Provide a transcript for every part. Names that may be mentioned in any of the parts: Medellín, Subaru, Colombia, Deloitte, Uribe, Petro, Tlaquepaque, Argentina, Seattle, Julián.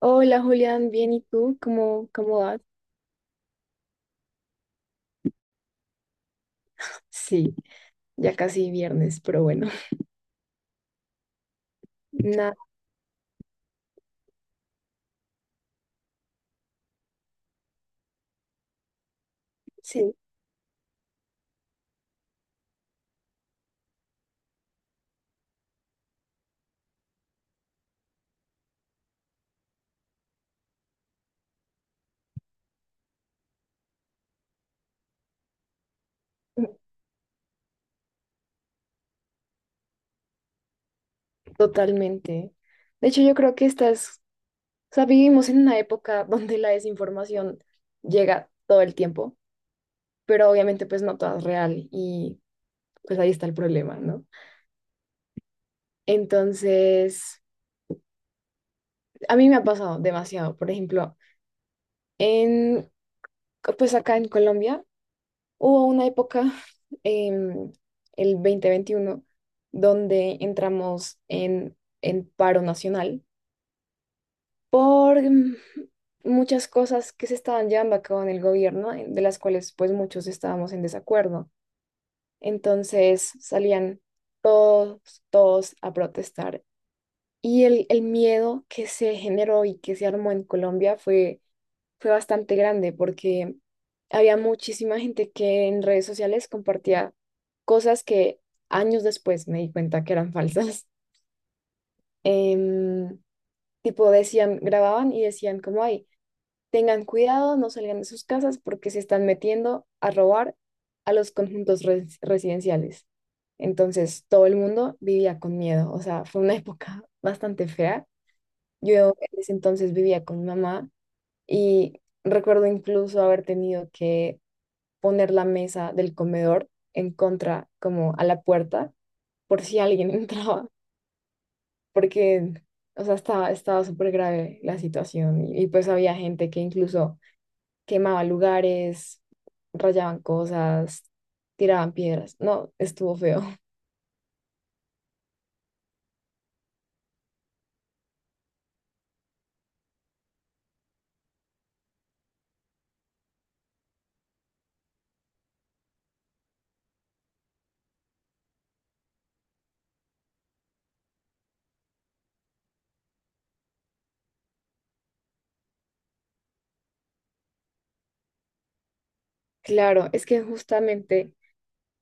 Hola Julián, bien, ¿y tú? ¿Cómo vas? Sí, ya casi viernes, pero bueno, nada, sí, totalmente. De hecho, yo creo que o sea, vivimos en una época donde la desinformación llega todo el tiempo, pero obviamente pues no toda es real y pues ahí está el problema, ¿no? Entonces, a mí me ha pasado demasiado, por ejemplo, en, pues acá en Colombia. Hubo una época, em, el 2021 donde entramos en paro nacional por muchas cosas que se estaban llevando a cabo en el gobierno, de las cuales pues muchos estábamos en desacuerdo. Entonces salían todos, todos a protestar y el miedo que se generó y que se armó en Colombia fue bastante grande porque había muchísima gente que en redes sociales compartía cosas que años después me di cuenta que eran falsas. Em, tipo decían, grababan y decían como, ay, tengan cuidado, no salgan de sus casas porque se están metiendo a robar a los conjuntos residenciales. Entonces todo el mundo vivía con miedo, o sea, fue una época bastante fea. Yo en ese entonces vivía con mi mamá y recuerdo incluso haber tenido que poner la mesa del comedor en contra, como a la puerta, por si alguien entraba, porque, o sea, estaba súper grave la situación y pues había gente que incluso quemaba lugares, rayaban cosas, tiraban piedras. No, estuvo feo. Claro, es que justamente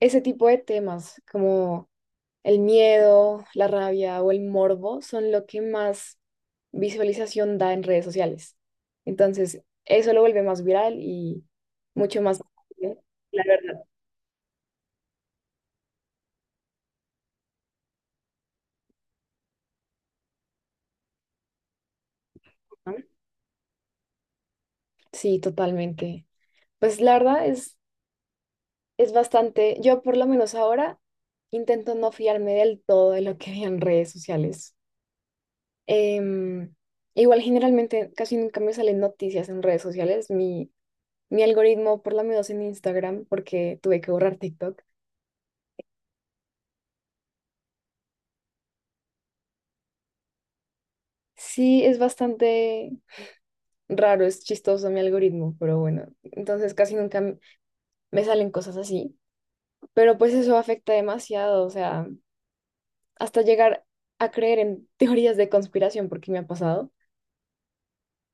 ese tipo de temas, como el miedo, la rabia o el morbo son lo que más visualización da en redes sociales. Entonces, eso lo vuelve más viral y mucho más... La verdad, ¿no? Sí, totalmente. Pues la verdad es bastante, yo por lo menos ahora intento no fiarme del todo de lo que vean en redes sociales. Em, igual generalmente casi nunca me salen noticias en redes sociales. Mi algoritmo, por lo menos en Instagram, porque tuve que borrar TikTok. Sí, es bastante raro, es chistoso mi algoritmo, pero bueno, entonces casi nunca me salen cosas así, pero pues eso afecta demasiado, o sea, hasta llegar a creer en teorías de conspiración, porque me ha pasado,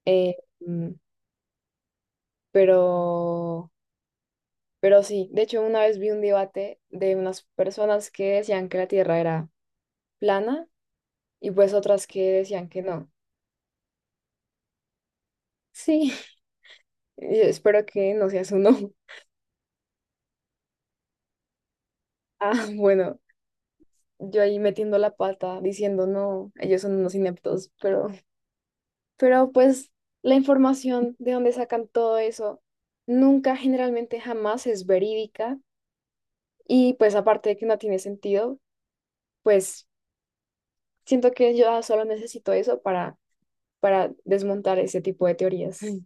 eh, mm, pero, pero sí, de hecho una vez vi un debate de unas personas que decían que la Tierra era plana y pues otras que decían que no. Sí, y espero que no seas uno. Ah, bueno. Yo ahí metiendo la pata, diciendo, no, ellos son unos ineptos, pero pues la información de donde sacan todo eso nunca, generalmente jamás es verídica y pues aparte de que no tiene sentido, pues siento que yo solo necesito eso para desmontar ese tipo de teorías. Mm.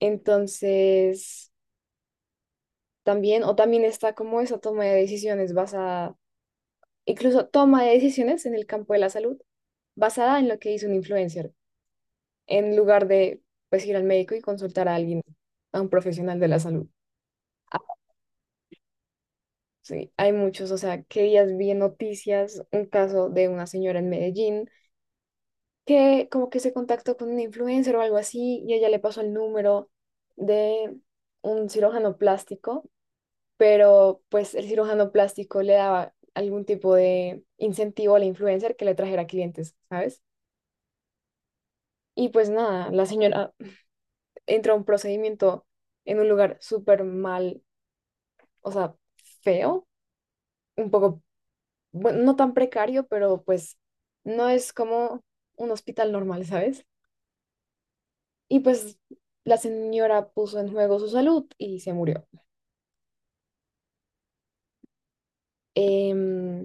Entonces, también, o también está como esa toma de decisiones basada, incluso toma de decisiones en el campo de la salud, basada en lo que hizo un influencer en lugar de pues ir al médico y consultar a alguien, a un profesional de la salud. Ah, sí, hay muchos, o sea, que días vi en noticias un caso de una señora en Medellín que como que se contactó con un influencer o algo así y ella le pasó el número de un cirujano plástico, pero pues el cirujano plástico le daba algún tipo de incentivo al influencer que le trajera clientes, ¿sabes? Y pues nada, la señora entró a un procedimiento en un lugar súper mal, o sea, feo, un poco, bueno, no tan precario, pero pues no es como un hospital normal, ¿sabes? Y pues la señora puso en juego su salud y se murió. Em,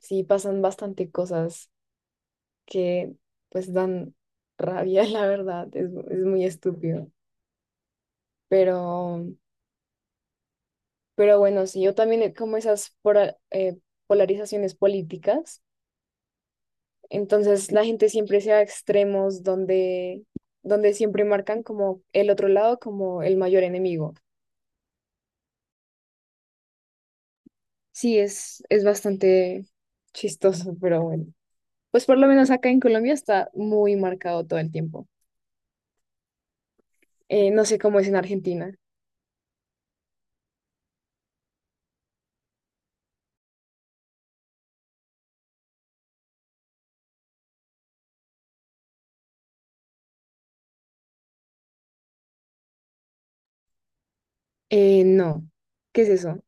sí, pasan bastante cosas que pues dan rabia, la verdad, es muy estúpido. Pero, pero bueno, sí, yo también como esas polarizaciones políticas. Entonces la gente siempre se va a extremos donde siempre marcan como el otro lado como el mayor enemigo. Sí, es bastante chistoso, pero bueno. Pues por lo menos acá en Colombia está muy marcado todo el tiempo. No sé cómo es en Argentina. No. ¿Qué es eso?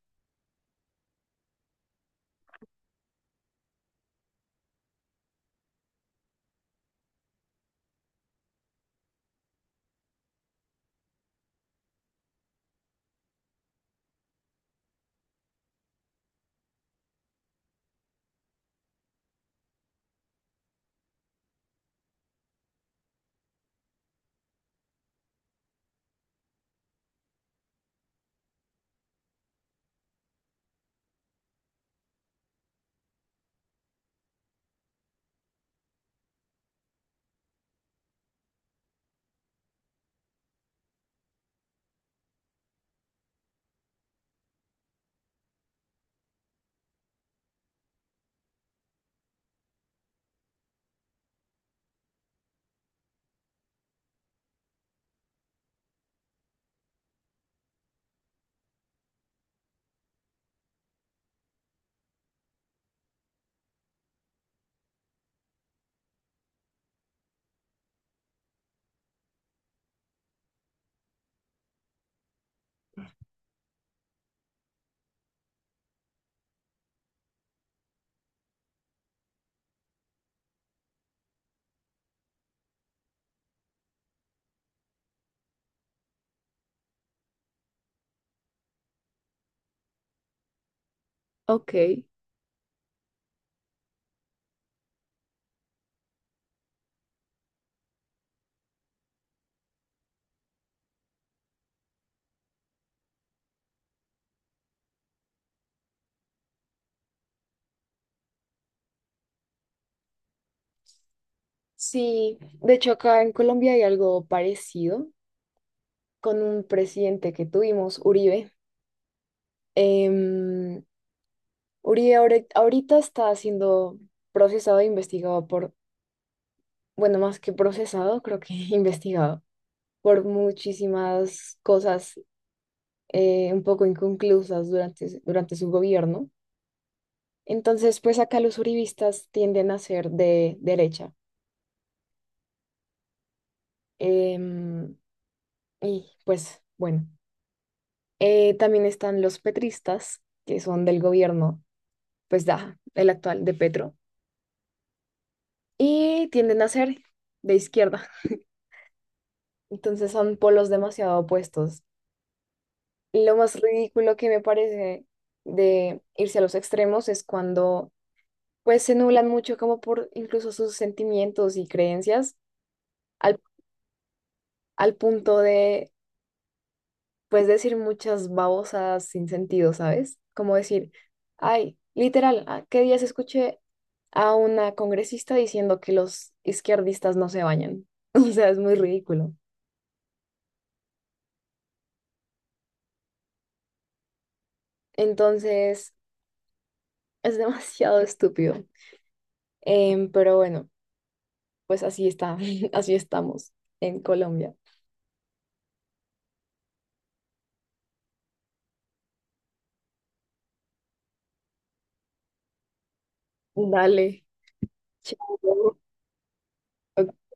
Ok, sí, de hecho acá en Colombia hay algo parecido con un presidente que tuvimos, Uribe. Em, ahorita está siendo procesado e investigado por, bueno, más que procesado, creo que investigado por muchísimas cosas, un poco inconclusas durante, durante su gobierno. Entonces, pues acá los uribistas tienden a ser de derecha. Em, y pues, bueno, también están los petristas, que son del gobierno, pues, da, el actual de Petro, y tienden a ser de izquierda. Entonces son polos demasiado opuestos. Lo más ridículo que me parece de irse a los extremos es cuando pues se nublan mucho como por incluso sus sentimientos y creencias al, al punto de pues decir muchas babosas sin sentido, ¿sabes? Como decir, ay, literal, ¿a ¿qué días escuché a una congresista diciendo que los izquierdistas no se bañan? O sea, es muy ridículo. Entonces, es demasiado estúpido. Pero bueno, pues así está, así estamos en Colombia. Dale, chao. Ok.